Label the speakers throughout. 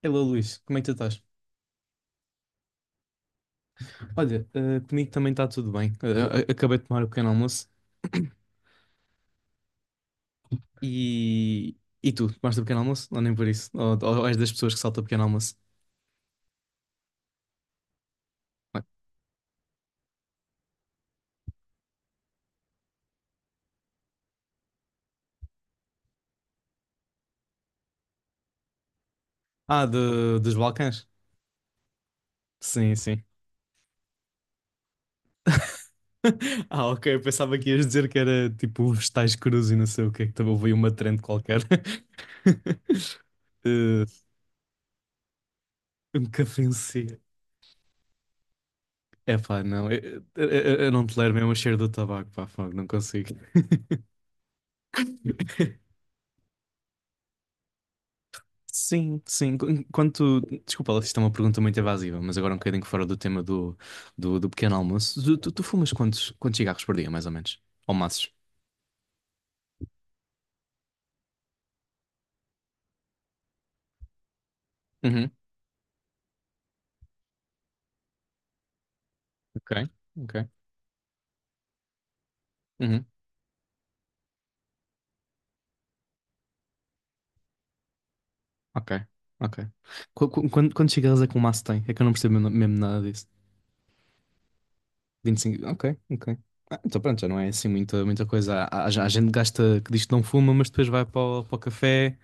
Speaker 1: Hello Luís, como é que tu estás? Olha, comigo também está tudo bem. Acabei de tomar o pequeno almoço e. E tu, tomaste o pequeno almoço? Ou nem por isso? Ou és das pessoas que saltam o pequeno almoço? Ah, dos Balcãs? Sim, sim. Ah, ok, eu pensava que ias dizer que era tipo vegetais crus e não sei o que, que também veio uma trend qualquer. Eh, Um café em si. É pá, não, eu não tolero mesmo o cheiro do tabaco, pá, fogo, não consigo. Sim, sim. Enquanto. Desculpa, lá, isto é uma pergunta muito evasiva, mas agora um bocadinho fora do tema do pequeno almoço. Tu fumas quantos cigarros por dia, mais ou menos? Ou maços? Uhum, ok, ok. Uhum, ok, ok. Quando, quantos cigarros é que um maço tem? É que eu não percebo mesmo, mesmo nada disso. 25, ok, ok. Ah, então pronto, já não é assim muita, muita coisa. Há gente que gasta, que diz que não fuma, mas depois vai para o café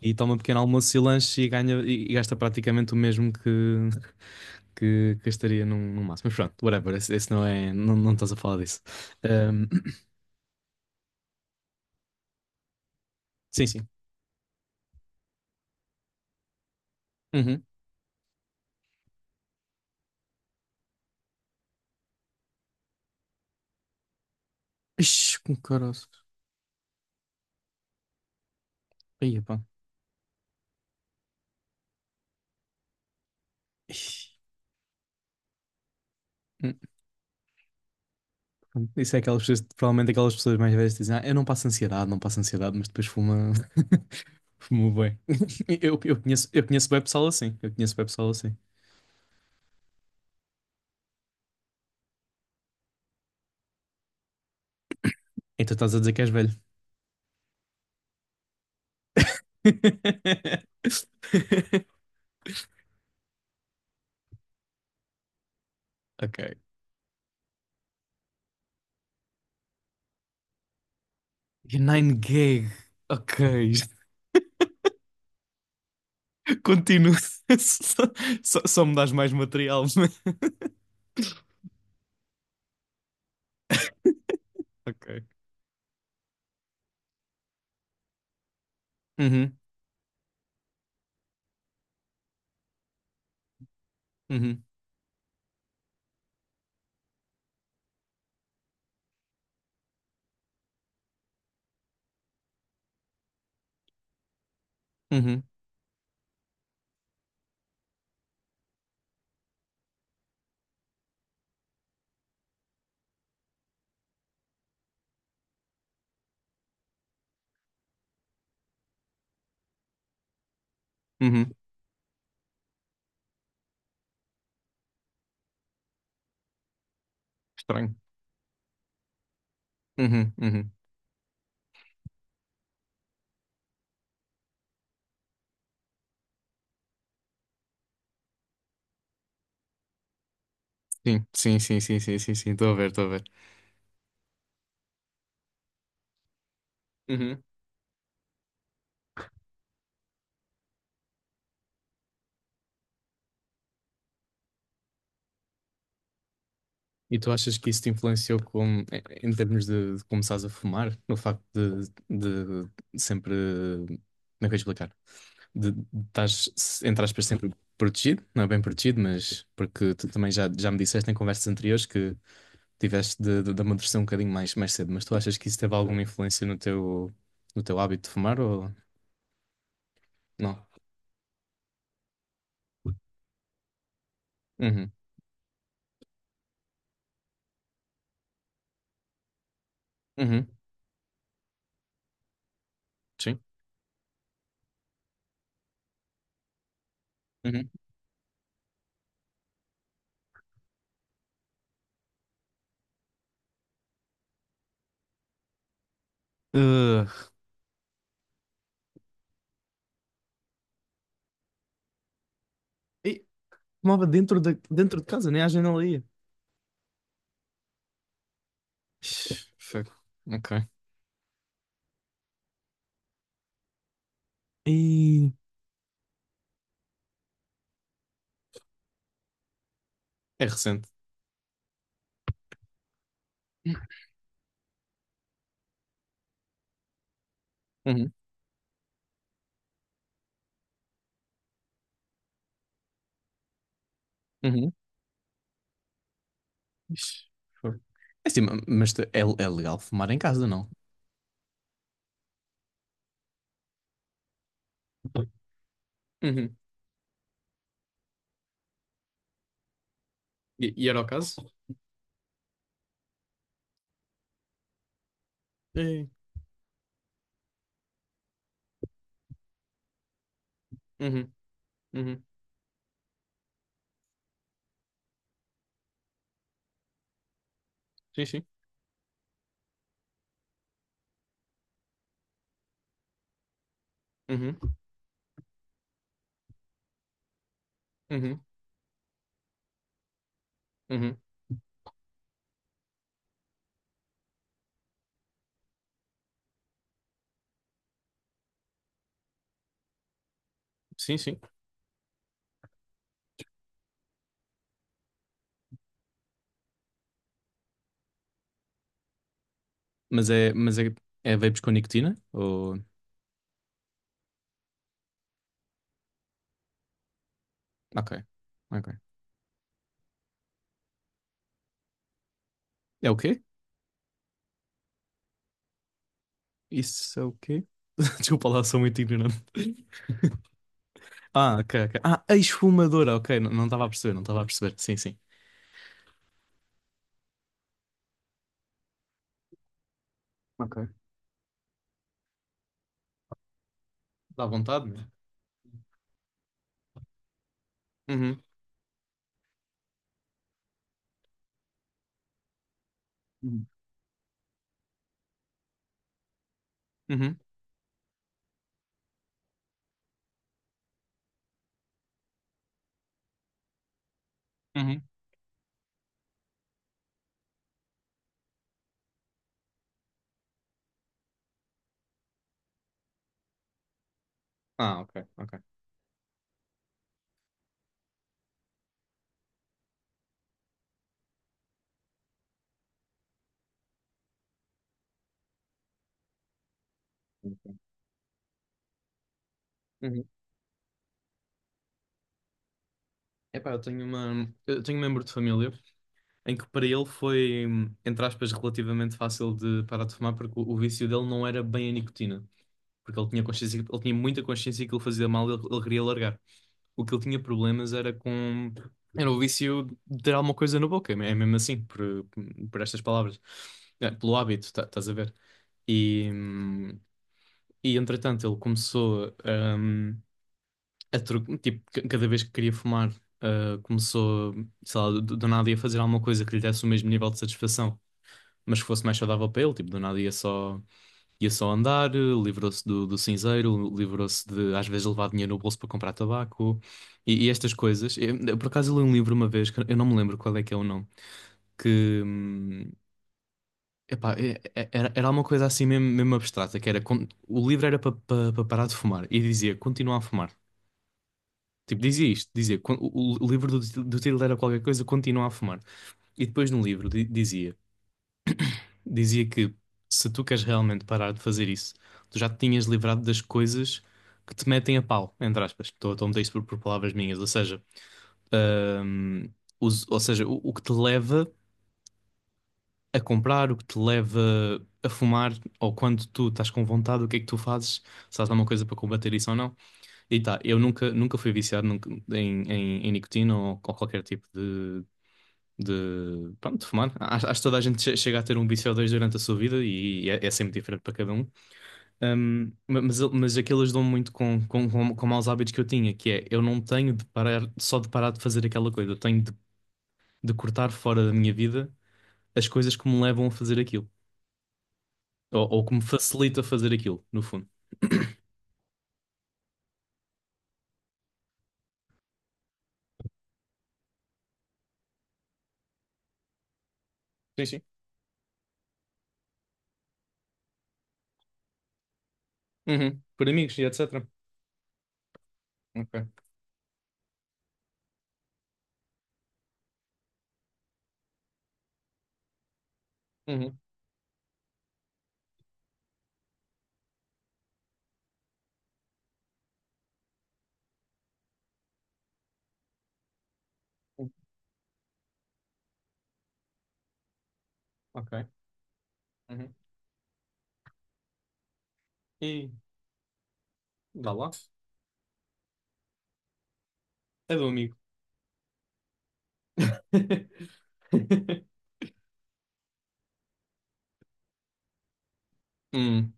Speaker 1: e toma um pequeno almoço e lanche e ganha e gasta praticamente o mesmo que que gastaria num máximo. Mas pronto, whatever, esse não é, não, não estás a falar disso. Ahm, sim, sim. Uhum. Ixi, com caroço. Aí, pá. Ixi. Hum, Isso é aquelas pessoas, provavelmente aquelas pessoas mais velhas que dizem, ah, eu não passo ansiedade, não passo ansiedade, mas depois fuma, fuma bem. Eu conheço, eu conheço bem pessoal assim, eu conheço bem pessoal assim. Então estás a dizer que és velho. Ok. E Nine Gag. Ok. Continua. Só, só me dás mais material. Ok. Uhum, uhum, uhum, uhum. Estranho. Uhum, uhum. Sim, sim, sim, sim, sim, sim, sim. Estou a ver, estou a ver. Uhum. E tu achas que isso te influenciou com, em em termos de começares a fumar? No facto de sempre. Como é que eu vou explicar? De estás, entre aspas, sempre protegido, não é bem protegido, mas porque tu também já me disseste em conversas anteriores que tiveste de amadurecer um bocadinho mais, mais cedo, mas tu achas que isso teve alguma influência no teu hábito de fumar ou não? Uhum, uhum, Sim. Uhum. Uh, e fumava dentro de casa, nem à janela ia. Ixi, fogo. Ok. E é recente. Uhum, uhum. Ixi, fogo. É assim, mas é legal fumar em casa, não? Uhum. E era o caso? É. Uhum, uhum. Sim, sim. Uhum, uhum, uhum. Sim, sim. Mas é vapes com nicotina? Ou... Ok, ok. É o quê? Isso é o quê? Desculpa lá, sou muito ignorante. Ah, ok, ok. Ah, a esfumadora, ok. Não estava a perceber, não estava a perceber. Sim, sim. Ok. Dá vontade, né? Uhum. Uhum. Uhum. Uhum. Ah, ok, ok. Uhum. Epá, eu tenho um membro de família em que para ele foi, entre aspas, relativamente fácil de parar de fumar porque o vício dele não era bem a nicotina. Porque ele tinha consciência, ele tinha muita consciência que ele fazia mal e ele queria largar. O que ele tinha problemas era com. Era o vício de ter alguma coisa na boca, é mesmo assim, por estas palavras. É, pelo hábito, estás a ver? E, hum, e entretanto ele começou, hum, tipo, cada vez que queria fumar, ah, começou, sei lá, do nada ia fazer alguma coisa que lhe desse o mesmo nível de satisfação, mas que fosse mais saudável para ele, tipo, do nada ia só. Ia só andar, livrou-se do cinzeiro, livrou-se de às vezes levar dinheiro no bolso para comprar tabaco e estas coisas. Eu, por acaso eu li um livro uma vez, que eu não me lembro qual é que é o nome, que epá, era uma coisa assim mesmo, mesmo abstrata, que era o livro era para para parar de fumar e dizia continuar a fumar. Tipo, dizia isto, dizia, o livro do título era qualquer coisa, continua a fumar. E depois no livro dizia. Dizia que se tu queres realmente parar de fazer isso, tu já te tinhas livrado das coisas que te metem a pau, entre aspas. Estou a meter isto por palavras minhas, ou seja, ahm, ou seja, o que te leva a comprar, o que te leva a fumar, ou quando tu estás com vontade, o que é que tu fazes? Se há alguma coisa para combater isso ou não? E tá, eu nunca, nunca fui viciado em nicotina ou qualquer tipo de, pronto, de fumar. Acho que toda a gente chega a ter um vício ou dois durante a sua vida e é sempre diferente para cada um. Mas aqueles dão muito com maus hábitos que eu tinha, que é eu não tenho de parar, só de parar de fazer aquela coisa, eu tenho de cortar fora da minha vida as coisas que me levam a fazer aquilo, ou que me facilita fazer aquilo, no fundo. Sim, sim. Uhum. Por amigos e etc. Ok. Uhum. Uhum. Ok. Uhum. E vá lá. É do amigo. Hum.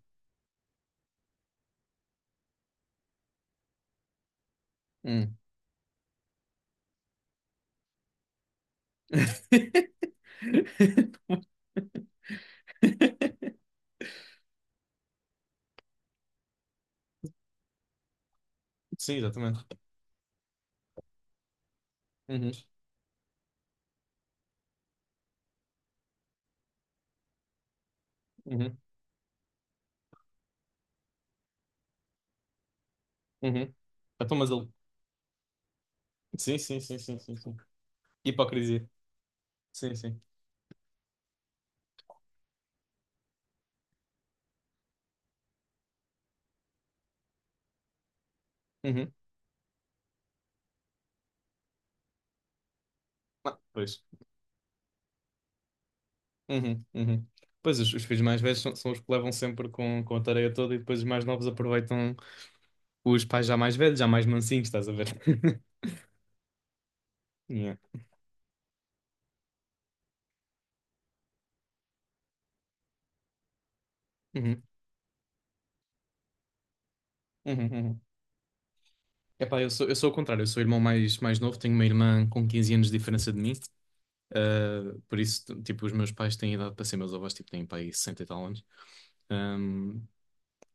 Speaker 1: Hum. Sim, exatamente. Uhum. Uhum. Uhum. Então, mas ele. Sim, sim, sim, sim, sim, sim. Hipocrisia. Sim, sim. Uhum. Ah, pois. Uhum, uhum. Pois os filhos mais velhos são os que levam sempre com a tarefa toda e depois os mais novos aproveitam os pais já mais velhos, já mais mansinhos, estás a ver? Yeah. Uhum, uhum, uhum. Epá, eu sou o contrário, eu sou o irmão mais, mais novo, tenho uma irmã com 15 anos de diferença de mim, por isso, tipo, os meus pais têm idade para ser meus avós, tipo, têm pai 60 e tal anos. Ah,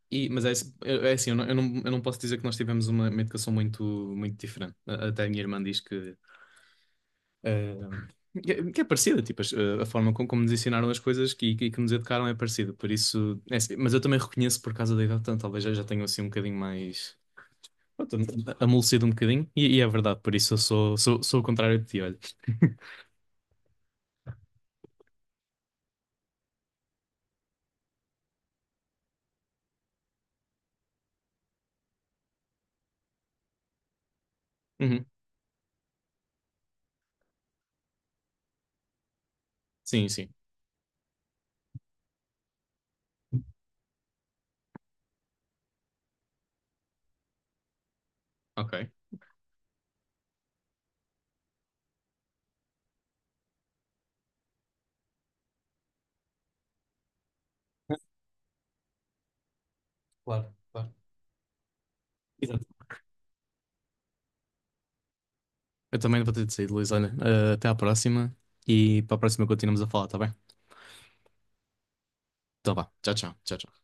Speaker 1: é assim, eu não posso dizer que nós tivemos uma educação muito, muito diferente. Até a minha irmã diz que é parecida, tipo, a forma como nos ensinaram as coisas que nos educaram é parecida, por isso, é assim, mas eu também reconheço por causa da idade, então talvez eu já tenha assim um bocadinho mais, pronto, amolecido um bocadinho, e é verdade, por isso eu sou o contrário de ti, olha. Uhum. Sim, sim, ok. Claro, claro. Exato. Eu também vou ter de sair, Luís, olha, até à próxima, e para a próxima continuamos a falar, tá bem? Então vá, tchau, tchau, tchau. Tchau.